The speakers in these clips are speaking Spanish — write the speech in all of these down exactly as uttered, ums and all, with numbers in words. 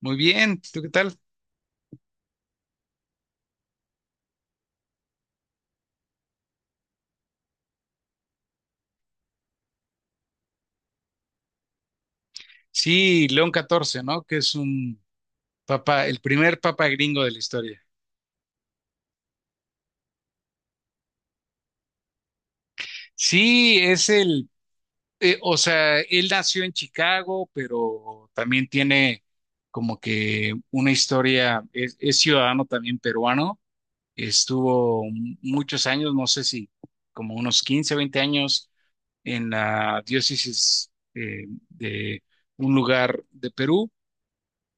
Muy bien, ¿tú qué tal? Sí, León catorce, ¿no? Que es un papa, el primer papa gringo de la historia. Sí, es el, eh, o sea, él nació en Chicago, pero también tiene como que una historia, es, es ciudadano también peruano, estuvo m- muchos años, no sé si como unos quince, veinte años en la diócesis eh, de un lugar de Perú.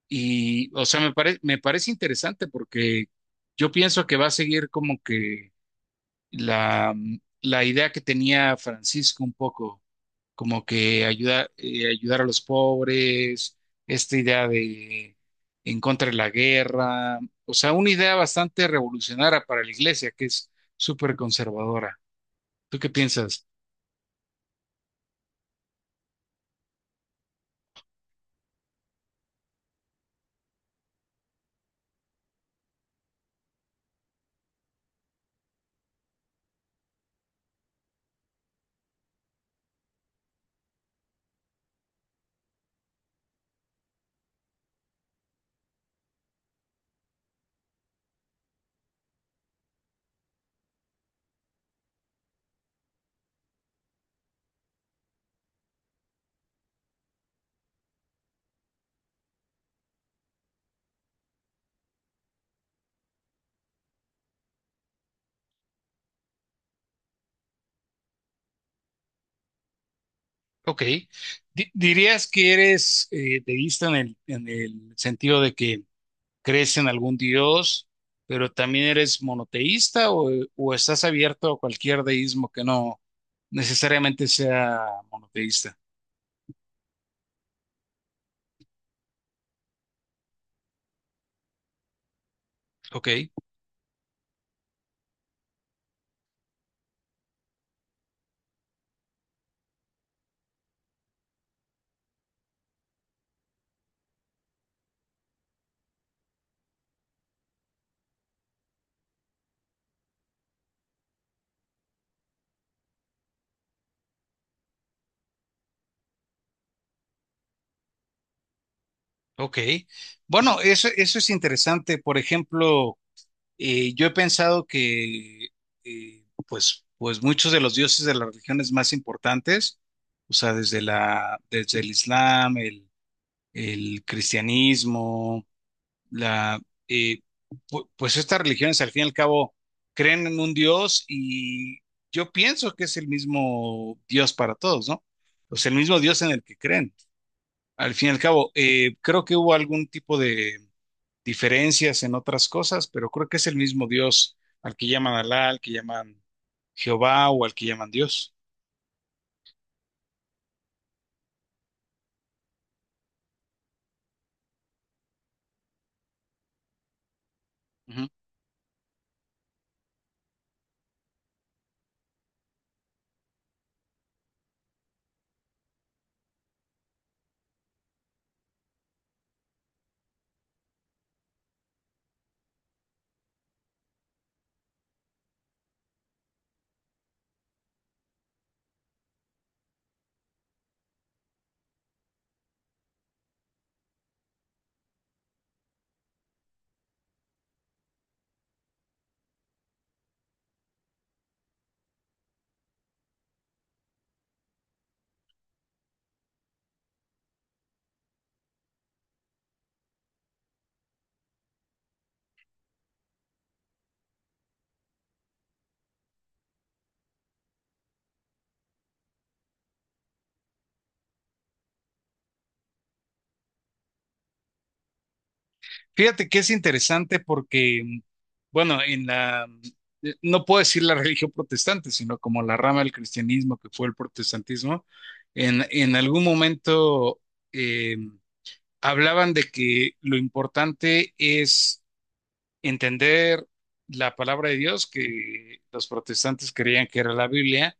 Y o sea, me parece, me parece interesante porque yo pienso que va a seguir como que la, la idea que tenía Francisco un poco, como que ayuda, eh, ayudar a los pobres, esta idea de en contra de la guerra, o sea, una idea bastante revolucionaria para la iglesia, que es súper conservadora. ¿Tú qué piensas? Ok. Di- ¿Dirías que eres eh, deísta en el, en el sentido de que crees en algún dios, pero también eres monoteísta, o, o estás abierto a cualquier deísmo que no necesariamente sea monoteísta. Ok, ok. Bueno, eso, eso es interesante. Por ejemplo, eh, yo he pensado que, eh, pues, pues muchos de los dioses de las religiones más importantes, o sea, desde la, desde el Islam, el, el cristianismo, la, eh, pues estas religiones al fin y al cabo creen en un Dios y yo pienso que es el mismo Dios para todos, ¿no? Pues el mismo Dios en el que creen. Al fin y al cabo, eh, creo que hubo algún tipo de diferencias en otras cosas, pero creo que es el mismo Dios al que llaman Alá, al que llaman Jehová o al que llaman Dios. Ujú. Fíjate que es interesante porque, bueno, en la, eh, no puedo decir la religión protestante, sino como la rama del cristianismo que fue el protestantismo, en, en algún momento eh, hablaban de que lo importante es entender la palabra de Dios, que los protestantes creían que era la Biblia,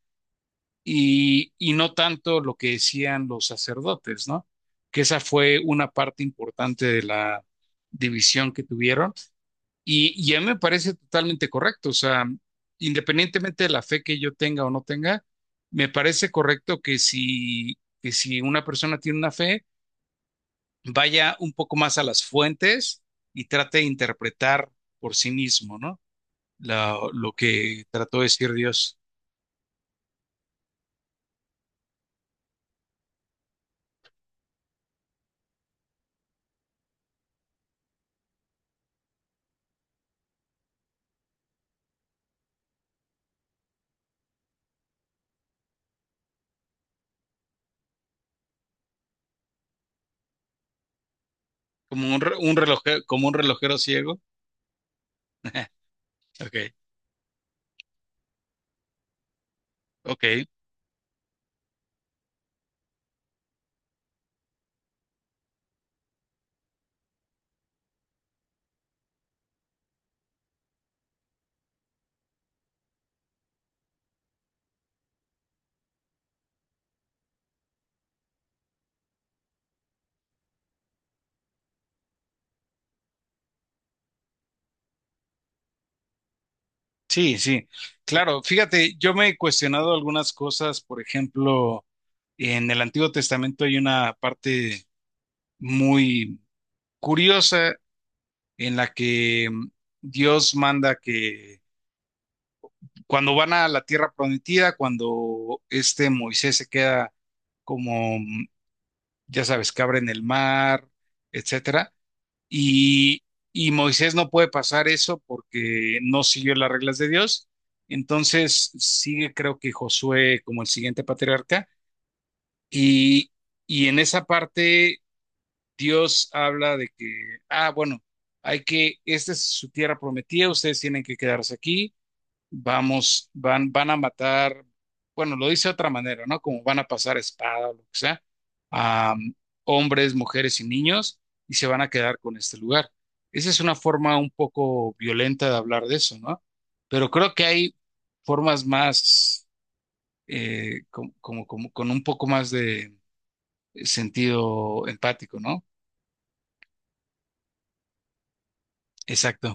y, y no tanto lo que decían los sacerdotes, ¿no? Que esa fue una parte importante de la división que tuvieron y, y a mí me parece totalmente correcto, o sea, independientemente de la fe que yo tenga o no tenga, me parece correcto que si, que si una persona tiene una fe, vaya un poco más a las fuentes y trate de interpretar por sí mismo, ¿no? La- lo que trató de decir Dios, como un, re- un reloje- como un relojero ciego. Ok, ok, sí, sí. Claro, fíjate, yo me he cuestionado algunas cosas, por ejemplo, en el Antiguo Testamento hay una parte muy curiosa en la que mm, Dios manda que cuando van a la tierra prometida, cuando este Moisés se queda como, mm, ya sabes, cabra en el mar, etcétera, y, y Moisés no puede pasar eso porque no siguió las reglas de Dios, entonces sigue creo que Josué como el siguiente patriarca, y, y en esa parte Dios habla de que, ah, bueno, hay que, esta es su tierra prometida, ustedes tienen que quedarse aquí, vamos, van, van a matar, bueno, lo dice de otra manera, ¿no? Como van a pasar espada o lo que sea, a hombres, mujeres y niños, y se van a quedar con este lugar. Esa es una forma un poco violenta de hablar de eso, ¿no? Pero creo que hay formas más, eh, como, como, como, con un poco más de sentido empático, ¿no? Exacto.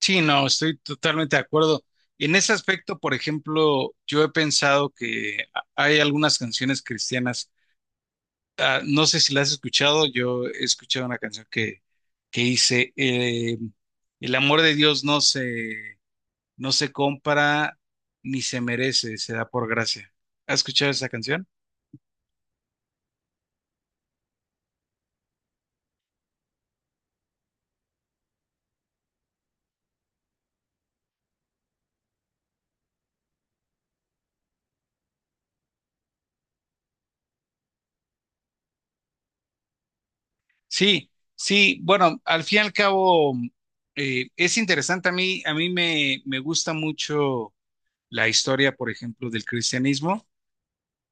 Sí, no, estoy totalmente de acuerdo. En ese aspecto, por ejemplo, yo he pensado que a- hay algunas canciones cristianas. Ah, no sé si las has escuchado, yo he escuchado una canción que, que dice, eh, el amor de Dios no se, no se compra ni se merece, se da por gracia. ¿Has escuchado esa canción? Sí, sí, bueno, al fin y al cabo, eh, es interesante. A mí, a mí me, me gusta mucho la historia, por ejemplo, del cristianismo.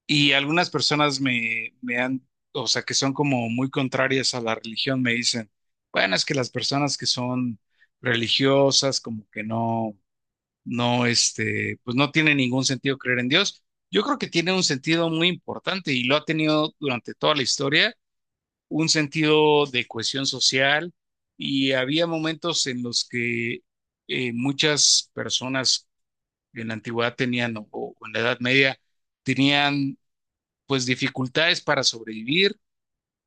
Y algunas personas me, me han, o sea, que son como muy contrarias a la religión, me dicen, bueno, es que las personas que son religiosas, como que no, no, este, pues no tiene ningún sentido creer en Dios. Yo creo que tiene un sentido muy importante y lo ha tenido durante toda la historia, un sentido de cohesión social y había momentos en los que eh, muchas personas en la antigüedad tenían o o en la Edad Media tenían pues dificultades para sobrevivir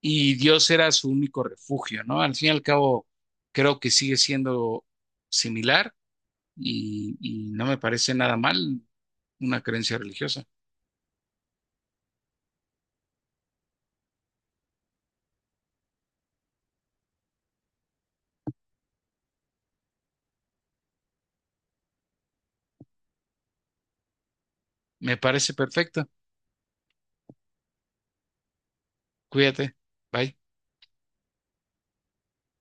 y Dios era su único refugio, ¿no? Al fin y al cabo, creo que sigue siendo similar y, y no me parece nada mal una creencia religiosa. Me parece perfecto. Cuídate. Bye.